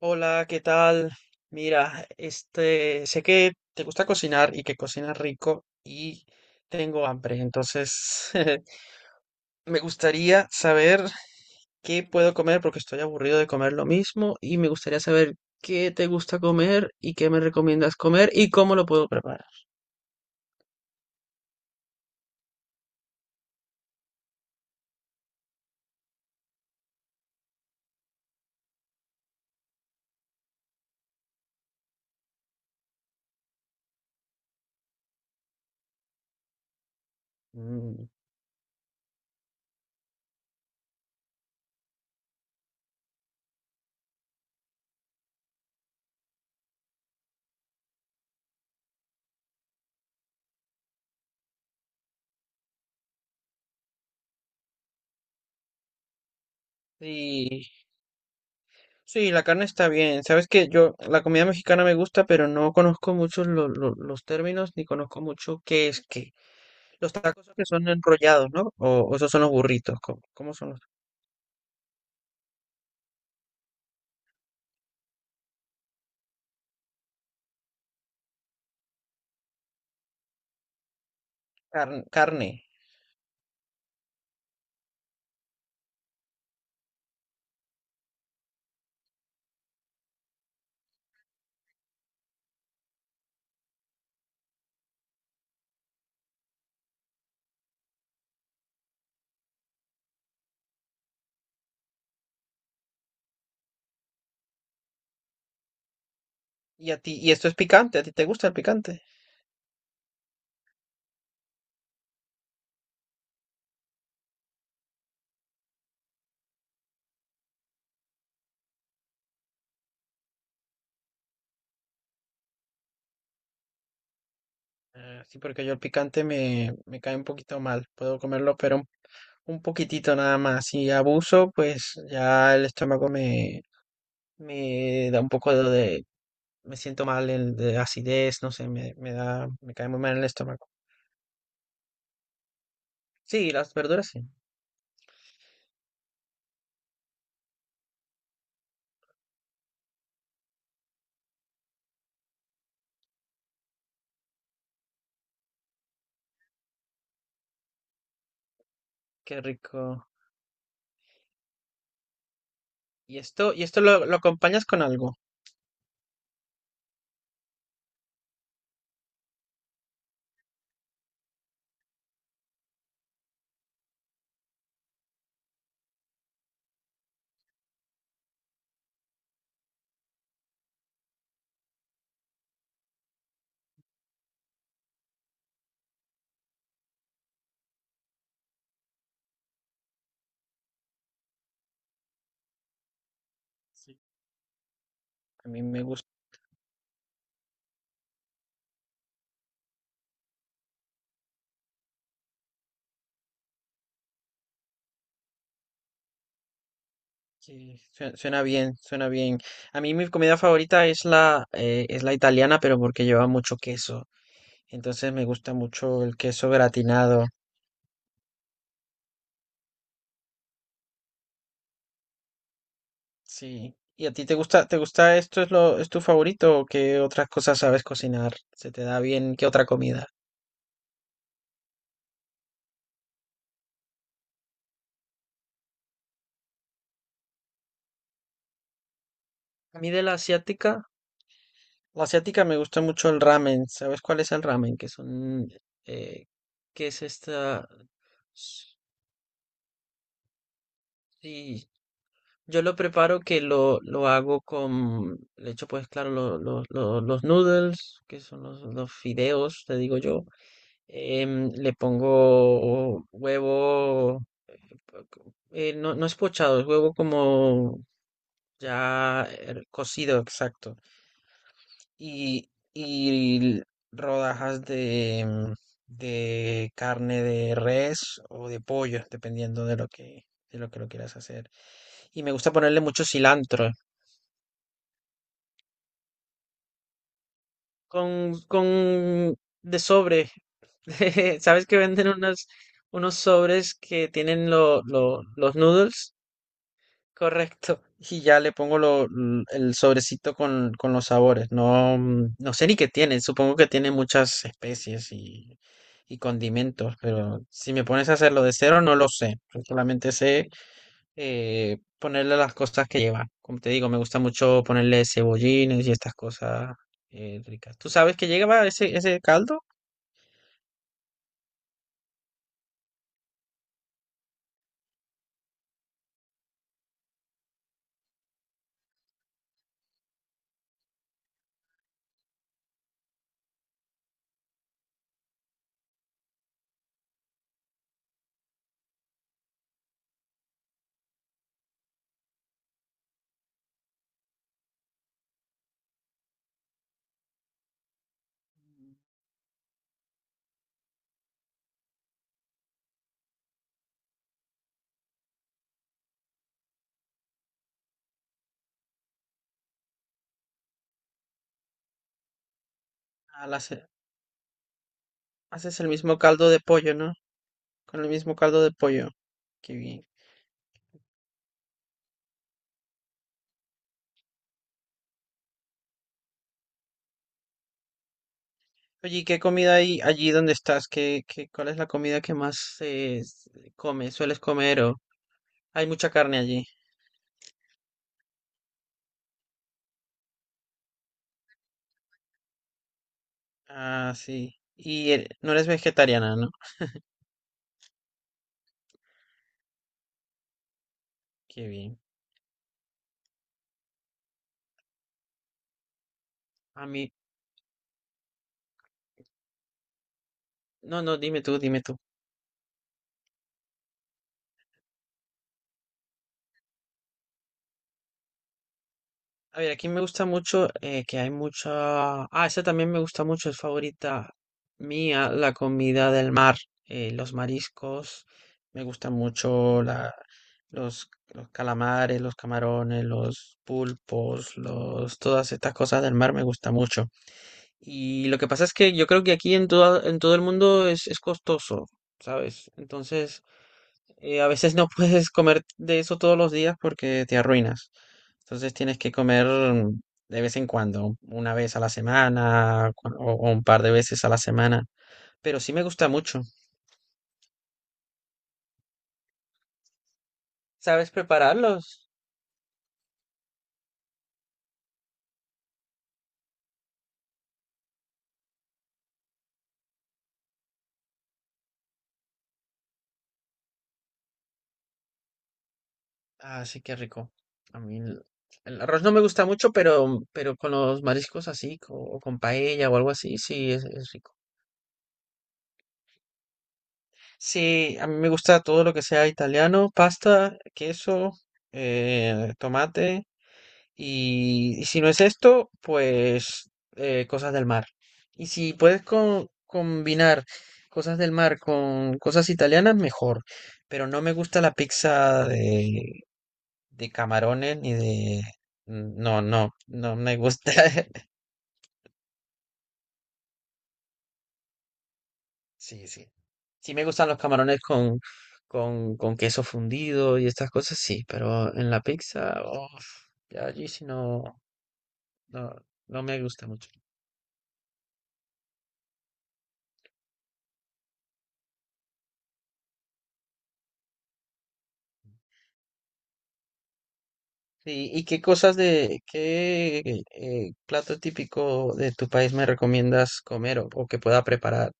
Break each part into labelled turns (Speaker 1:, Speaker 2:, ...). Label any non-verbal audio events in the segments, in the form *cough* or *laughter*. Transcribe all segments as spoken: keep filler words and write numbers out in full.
Speaker 1: Hola, ¿qué tal? Mira, este, sé que te gusta cocinar y que cocinas rico y tengo hambre, entonces *laughs* me gustaría saber qué puedo comer porque estoy aburrido de comer lo mismo y me gustaría saber qué te gusta comer y qué me recomiendas comer y cómo lo puedo preparar. Mm. Sí, sí, la carne está bien. Sabes que yo, la comida mexicana me gusta, pero no conozco mucho lo- lo- los términos ni conozco mucho qué es qué. Los tacos que son enrollados, ¿no? O, o esos son los burritos. ¿Cómo, cómo son los? Carn- carne. Y a ti, y esto es picante, ¿a ti te gusta el picante? Ah, sí, porque yo el picante me, me cae un poquito mal. Puedo comerlo, pero un, un poquitito nada más. Si abuso, pues ya el estómago me, me da un poco de, me siento mal el, de acidez, no sé, me, me da, me cae muy mal el estómago. Sí, las verduras sí. Qué rico. Y esto, y esto lo, lo acompañas con algo. Sí. A mí me gusta. Sí, suena, suena bien, suena bien. A mí mi comida favorita es la, eh, es la italiana, pero porque lleva mucho queso. Entonces me gusta mucho el queso gratinado. Sí. ¿Y a ti te gusta, te gusta esto es lo, es tu favorito o qué otras cosas sabes cocinar? ¿Se te da bien? ¿Qué otra comida? A mí de la asiática, la asiática me gusta mucho el ramen. ¿Sabes cuál es el ramen? Que son, eh, que es esta. Sí, yo lo preparo que lo, lo hago con, le echo pues claro lo- lo- lo- los noodles, que son los, los fideos, te digo yo. Em, le pongo huevo, eh, no, no es pochado, es huevo como ya eh, cocido, exacto. Y, y rodajas de, em, de carne de res o de pollo, dependiendo de lo que, de lo que lo quieras hacer. Y me gusta ponerle mucho cilantro. con, con de sobre. *laughs* ¿Sabes que venden unos, unos sobres que tienen lo- lo- los noodles? Correcto. Y ya le pongo lo- l- el sobrecito con, con los sabores. No, mm, no sé ni qué tiene. Supongo que tiene muchas especies y, y condimentos, pero si me pones a hacerlo de cero, no lo sé. Solamente sé eh, ponerle las cosas que lleva. Como te digo, me gusta mucho ponerle cebollines y estas cosas eh, ricas. Tú sabes que lleva ese, ese caldo, a la ce- haces el mismo caldo de pollo, ¿no? Con el mismo caldo de pollo. Qué bien. Oye, ¿y qué comida hay allí donde estás? ¿Qué, qué, cuál es la comida que más eh, s- comes, sueles comer? O... Hay mucha carne allí. Ah, sí. Y eh, no eres vegetariana, ¿no? Qué bien. A mí, no, no, dime tú, dime tú. A ver, aquí me gusta mucho eh, que hay mucha... Ah, esa también me gusta mucho, es favorita mía, la comida del mar, eh, los mariscos, me gustan mucho la, los, los calamares, los camarones, los pulpos, los, todas estas cosas del mar me gusta mucho. Y lo que pasa es que yo creo que aquí en todo, en todo el mundo es, es costoso, ¿sabes? Entonces... Eh, a veces no puedes comer de eso todos los días porque te arruinas. Entonces tienes que comer mm, de vez en cuando, una vez a la semana cu- o, o un par de veces a la semana. Pero sí me gusta mucho. ¿Sabes prepararlos? Ah, sí, qué rico. A mí el, el arroz no me gusta mucho, pero, pero con los mariscos así, co- o con paella o algo así, sí, es, es rico. Sí, a mí me gusta todo lo que sea italiano, pasta, queso, eh, tomate. Y, y si no es esto, pues eh, cosas del mar. Y si puedes co- combinar cosas del mar con cosas italianas, mejor. Pero no me gusta la pizza de, de camarones ni de... No, no, no me gusta. *laughs* Sí, sí. Sí me gustan los camarones con, con, con queso fundido y estas cosas, sí. Pero en la pizza, uf, ya allí sí no, no, no me gusta mucho. Sí, ¿y qué cosas de, qué eh, plato típico de tu país me recomiendas comer o, o que pueda preparar?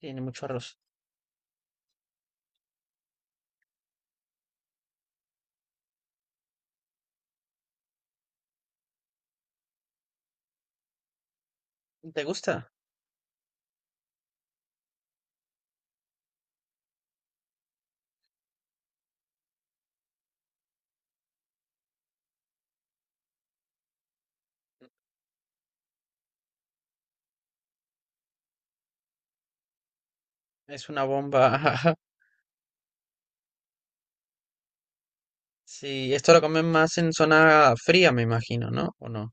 Speaker 1: Tiene mucho arroz. ¿Te gusta? Es una bomba. *laughs* Sí, esto lo comen más en zona fría, me imagino, ¿no? ¿O no?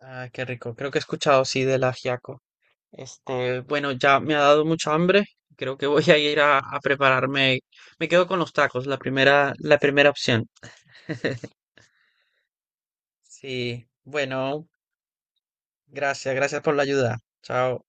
Speaker 1: Ah, qué rico. Creo que he escuchado, sí, del ajiaco. Este, bueno, ya me ha dado mucha hambre. Creo que voy a ir a, a prepararme. Me quedo con los tacos, la primera, la primera opción. *laughs* Sí, bueno, gracias, gracias por la ayuda. Chao.